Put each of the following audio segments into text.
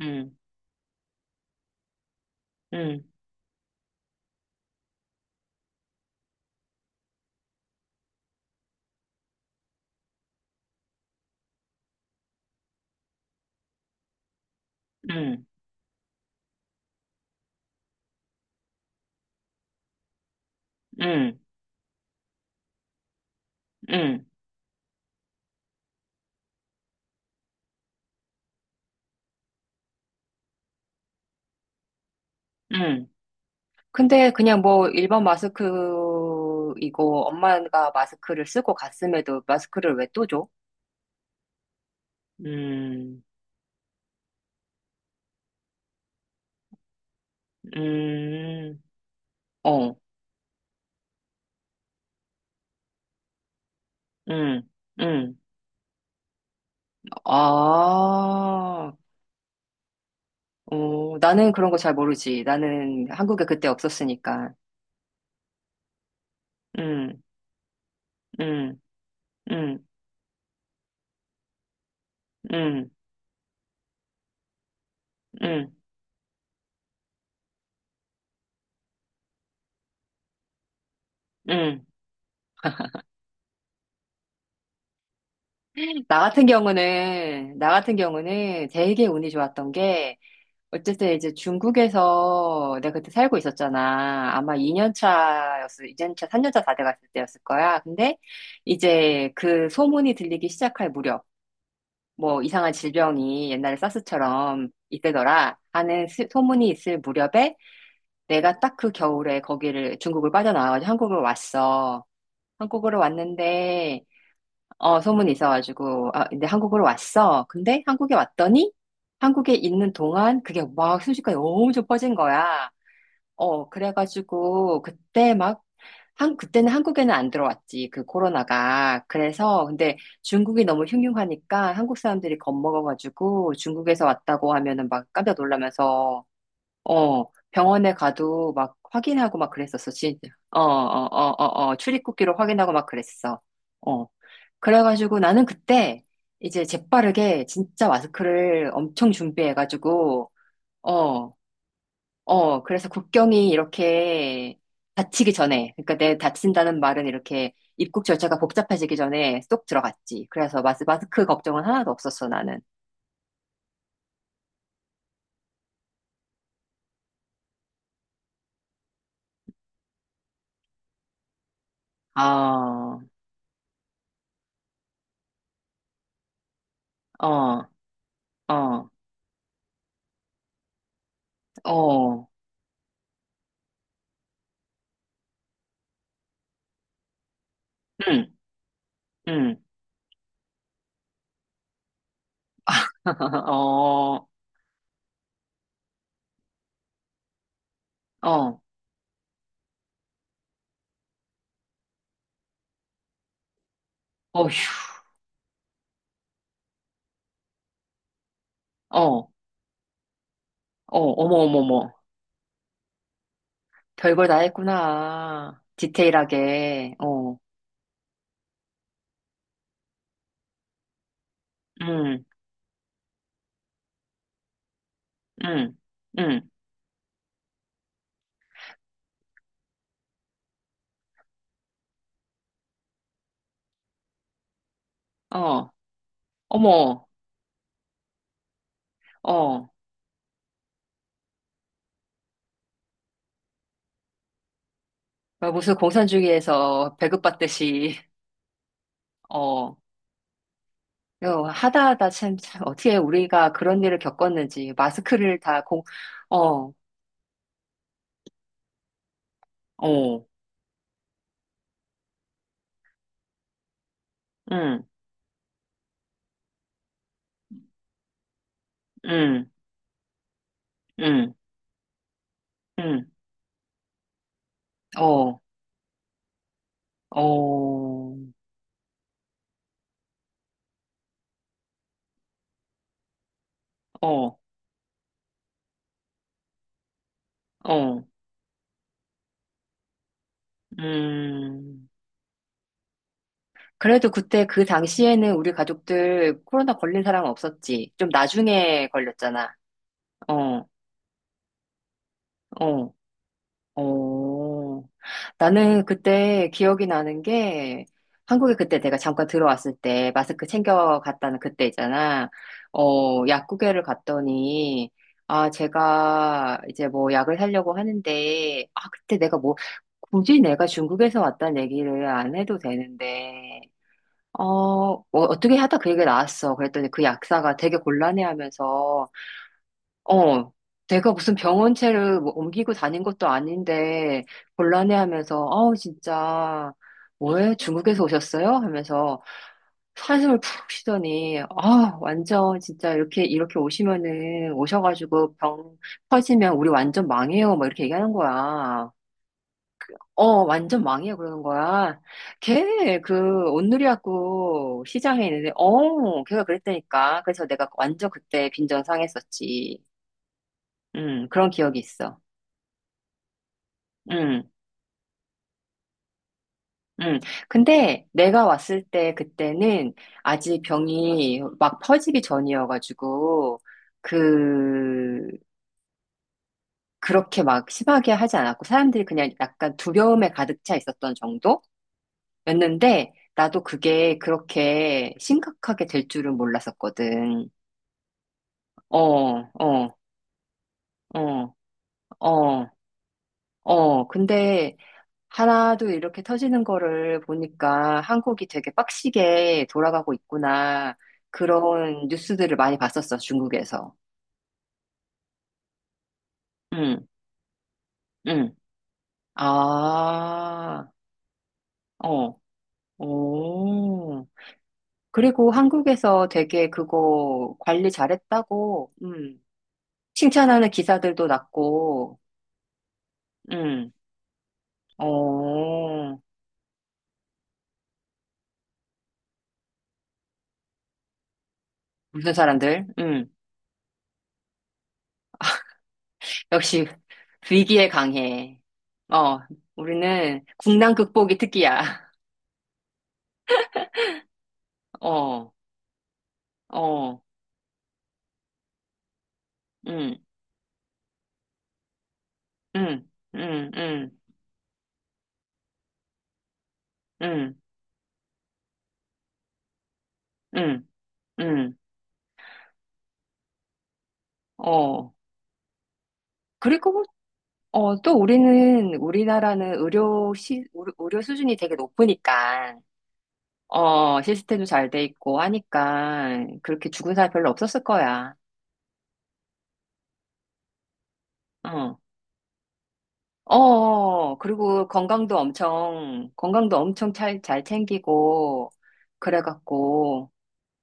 음, 음, 음, 음, 음, 음. 근데 그냥 뭐 일반 마스크이고 엄마가 마스크를 쓰고 갔음에도 마스크를 왜 또 줘? 음, 음, 어, 음, 음. 아, 어, 나는 그런 거 잘 모르지. 나는 한국에 그때 없었으니까. 음, 음, 음, 음, 음, 음. 나 같은 경우는 되게 운이 좋았던 게 어쨌든 이제 중국에서 내가 그때 살고 있었잖아. 아마 2년 차였어 이 년 차, 3년 차 다 돼갔을 때였을 거야. 근데 이제 그 소문이 들리기 시작할 무렵, 뭐 이상한 질병이 옛날에 사스처럼 있대더라 하는 소문이 있을 무렵에 내가 딱 그 겨울에 거기를 중국을 빠져나와가지고 한국을 왔어. 한국으로 왔는데 어, 소문이 있어가지고, 아, 근데 한국으로 왔어. 근데 한국에 왔더니, 한국에 있는 동안 그게 막 순식간에 엄청 퍼진 거야. 어, 그래가지고, 그때 막, 그때는 한국에는 안 들어왔지, 그 코로나가. 그래서, 근데 중국이 너무 흉흉하니까 한국 사람들이 겁먹어가지고 중국에서 왔다고 하면은 막 깜짝 놀라면서 어, 병원에 가도 막 확인하고 막 그랬었어, 진짜. 어, 어, 어, 어, 어, 출입국기로 확인하고 막 그랬어. 어. 그래가지고 나는 그때 이제 재빠르게 진짜 마스크를 엄청 준비해가지고, 어, 어, 그래서 국경이 이렇게 닫히기 전에, 그러니까 내 닫힌다는 말은 이렇게 입국 절차가 복잡해지기 전에 쏙 들어갔지. 그래서 마스크 걱정은 하나도 없었어, 나는. 아, 어, 어, 어, 응, 응. 어, 어, 어휴, 어, 어, 어머, 어머, 어머. 별걸 다 했구나. 디테일하게, 어, 음, 음, 음, 어, 어머, 어. 무슨 공산주의에서 배급받듯이, 어. 이거 하다 하다 참, 참, 어떻게 우리가 그런 일을 겪었는지, 마스크를 다 공, 어, 어, 음, 음, 음, 음, 어, 어, 어, 어, 음. 그래도 그때 그 당시에는 우리 가족들 코로나 걸린 사람 은 없었지. 좀 나중에 걸렸잖아. 어, 어, 어. 나는 그때 기억이 나는 게 한국에 그때 내가 잠깐 들어왔을 때 마스크 챙겨갔다는 그때 있잖아. 어, 약국에를 갔더니 아, 제가 이제 뭐 약을 사려고 하는데 아, 그때 내가 뭐 굳이 내가 중국에서 왔다는 얘기를 안 해도 되는데 어, 어, 어떻게 하다 그 얘기가 나왔어. 그랬더니 그 약사가 되게 곤란해하면서, 어, 내가 무슨 병원체를 뭐 옮기고 다닌 것도 아닌데 곤란해하면서, 아우 진짜 뭐예요? 중국에서 오셨어요? 하면서 한숨을 푹 쉬더니, 아, 완전 진짜 이렇게 이렇게 오시면은 오셔가지고 병 퍼지면 우리 완전 망해요. 막 이렇게 얘기하는 거야. 어, 완전 망이야, 그러는 거야. 걔, 그, 온누리학교 시장에 있는데, 어, 걔가 그랬다니까. 그래서 내가 완전 그때 빈정 상했었지. 그런 기억이 있어. 음, 음. 근데 내가 왔을 때 그때는 아직 병이 막 퍼지기 전이어가지고, 그, 그렇게 막 심하게 하지 않았고, 사람들이 그냥 약간 두려움에 가득 차 있었던 정도? 였는데, 나도 그게 그렇게 심각하게 될 줄은 몰랐었거든. 어, 어, 어, 어, 어. 근데 하나도 이렇게 터지는 거를 보니까 한국이 되게 빡시게 돌아가고 있구나. 그런 뉴스들을 많이 봤었어, 중국에서. 응, 응. 아, 어, 오. 그리고 한국에서 되게 그거 관리 잘했다고, 칭찬하는 기사들도 났고, 음. 어, 무슨 사람들? 음. 역시 위기에 강해. 어, 우리는 국난 극복이 특기야. 어, 어, 음, 음, 음, 음, 음, 음, 음, 어. 그리고, 뭐, 어, 또 우리나라는 의료 수준이 되게 높으니까, 어, 시스템도 잘 돼 있고 하니까, 그렇게 죽은 사람 별로 없었을 거야. 어. 어, 어. 그리고 건강도 엄청, 건강도 엄청 잘, 잘 챙기고, 그래갖고,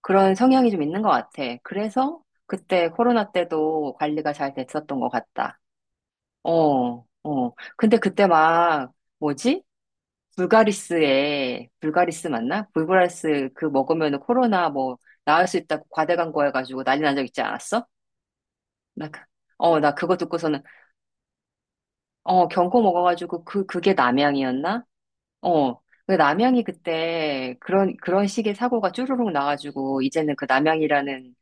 그런 성향이 좀 있는 것 같아. 그래서 그때 코로나 때도 관리가 잘 됐었던 것 같다. 어, 어. 근데 그때 막, 뭐지? 불가리스에, 불가리스 맞나? 불가리스 그 먹으면 코로나 뭐, 나을 수 있다고 과대광고 해가지고 난리 난 적 있지 않았어? 나, 어, 나 그거 듣고서는, 어, 경코 먹어가지고 그, 그게 남양이었나? 어. 그 남양이 그때 그런, 그런 식의 사고가 쭈루룩 나가지고, 이제는 그 남양이라는,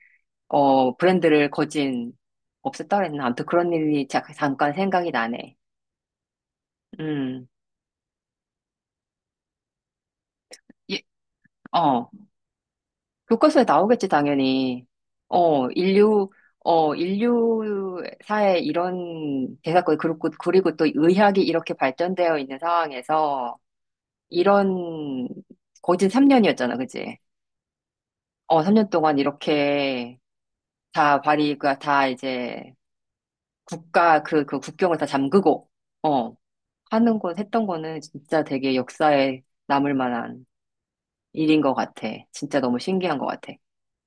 어, 브랜드를 거진 없앴다 그랬나? 아무튼 그런 일이 잠깐 생각이 나네. 음. 예, 어. 교과서에 나오겠지, 당연히. 어, 인류, 어, 인류사에 이런 대사건, 그리고, 그리고 또 의학이 이렇게 발전되어 있는 상황에서, 이런, 거진 3년이었잖아, 그치? 어, 3년 동안 이렇게, 다 발이가 다 이제 국가 그, 그 국경을 다 잠그고, 어, 하는 건, 했던 거는 진짜 되게 역사에 남을 만한 일인 것 같아. 진짜 너무 신기한 것 같아.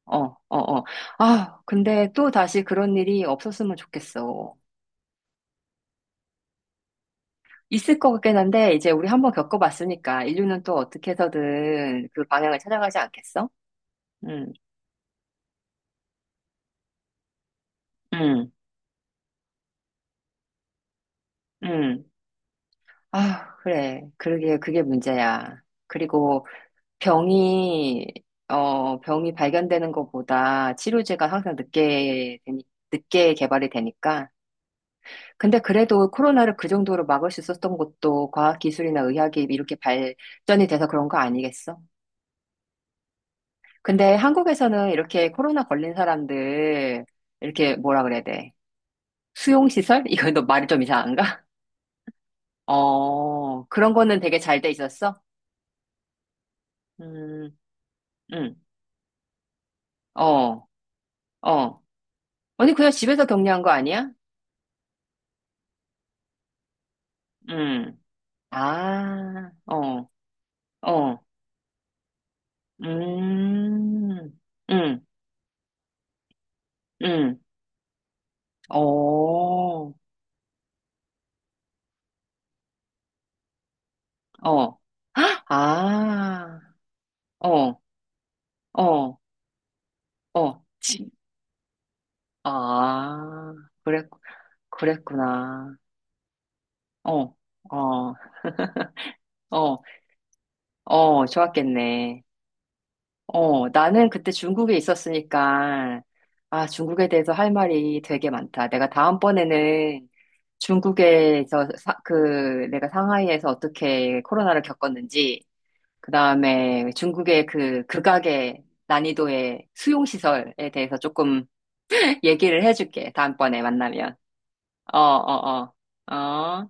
어, 어, 어. 아, 근데 또 다시 그런 일이 없었으면 좋겠어. 있을 것 같긴 한데, 이제 우리 한번 겪어봤으니까, 인류는 또 어떻게 해서든 그 방향을 찾아가지 않겠어? 응, 응, 응. 아, 그래. 그러게, 그게 문제야. 그리고, 병이, 어, 병이 발견되는 것보다 치료제가 항상 늦게, 늦게 개발이 되니까. 근데 그래도 코로나를 그 정도로 막을 수 있었던 것도 과학기술이나 의학이 이렇게 발전이 돼서 그런 거 아니겠어? 근데 한국에서는 이렇게 코로나 걸린 사람들, 이렇게 뭐라 그래야 돼? 수용시설? 이거 너 말이 좀 이상한가? 어, 그런 거는 되게 잘 돼 있었어? 음, 음, 어, 어. 아니, 그냥 집에서 격리한 거 아니야? 음. 아, 어, 어, 음, 음, 음, 어, 어, 아, 어, 어, 어, 지, 아, 그랬, 그랬구나. 어, 어, 어, 어, 좋았겠네. 어, 나는 그때 중국에 있었으니까, 아, 중국에 대해서 할 말이 되게 많다. 내가 다음번에는 중국에서, 그, 내가 상하이에서 어떻게 코로나를 겪었는지, 그 다음에 중국의 그 극악의 난이도의 수용시설에 대해서 조금 얘기를 해줄게. 다음번에 만나면. 어, 어, 어. 어.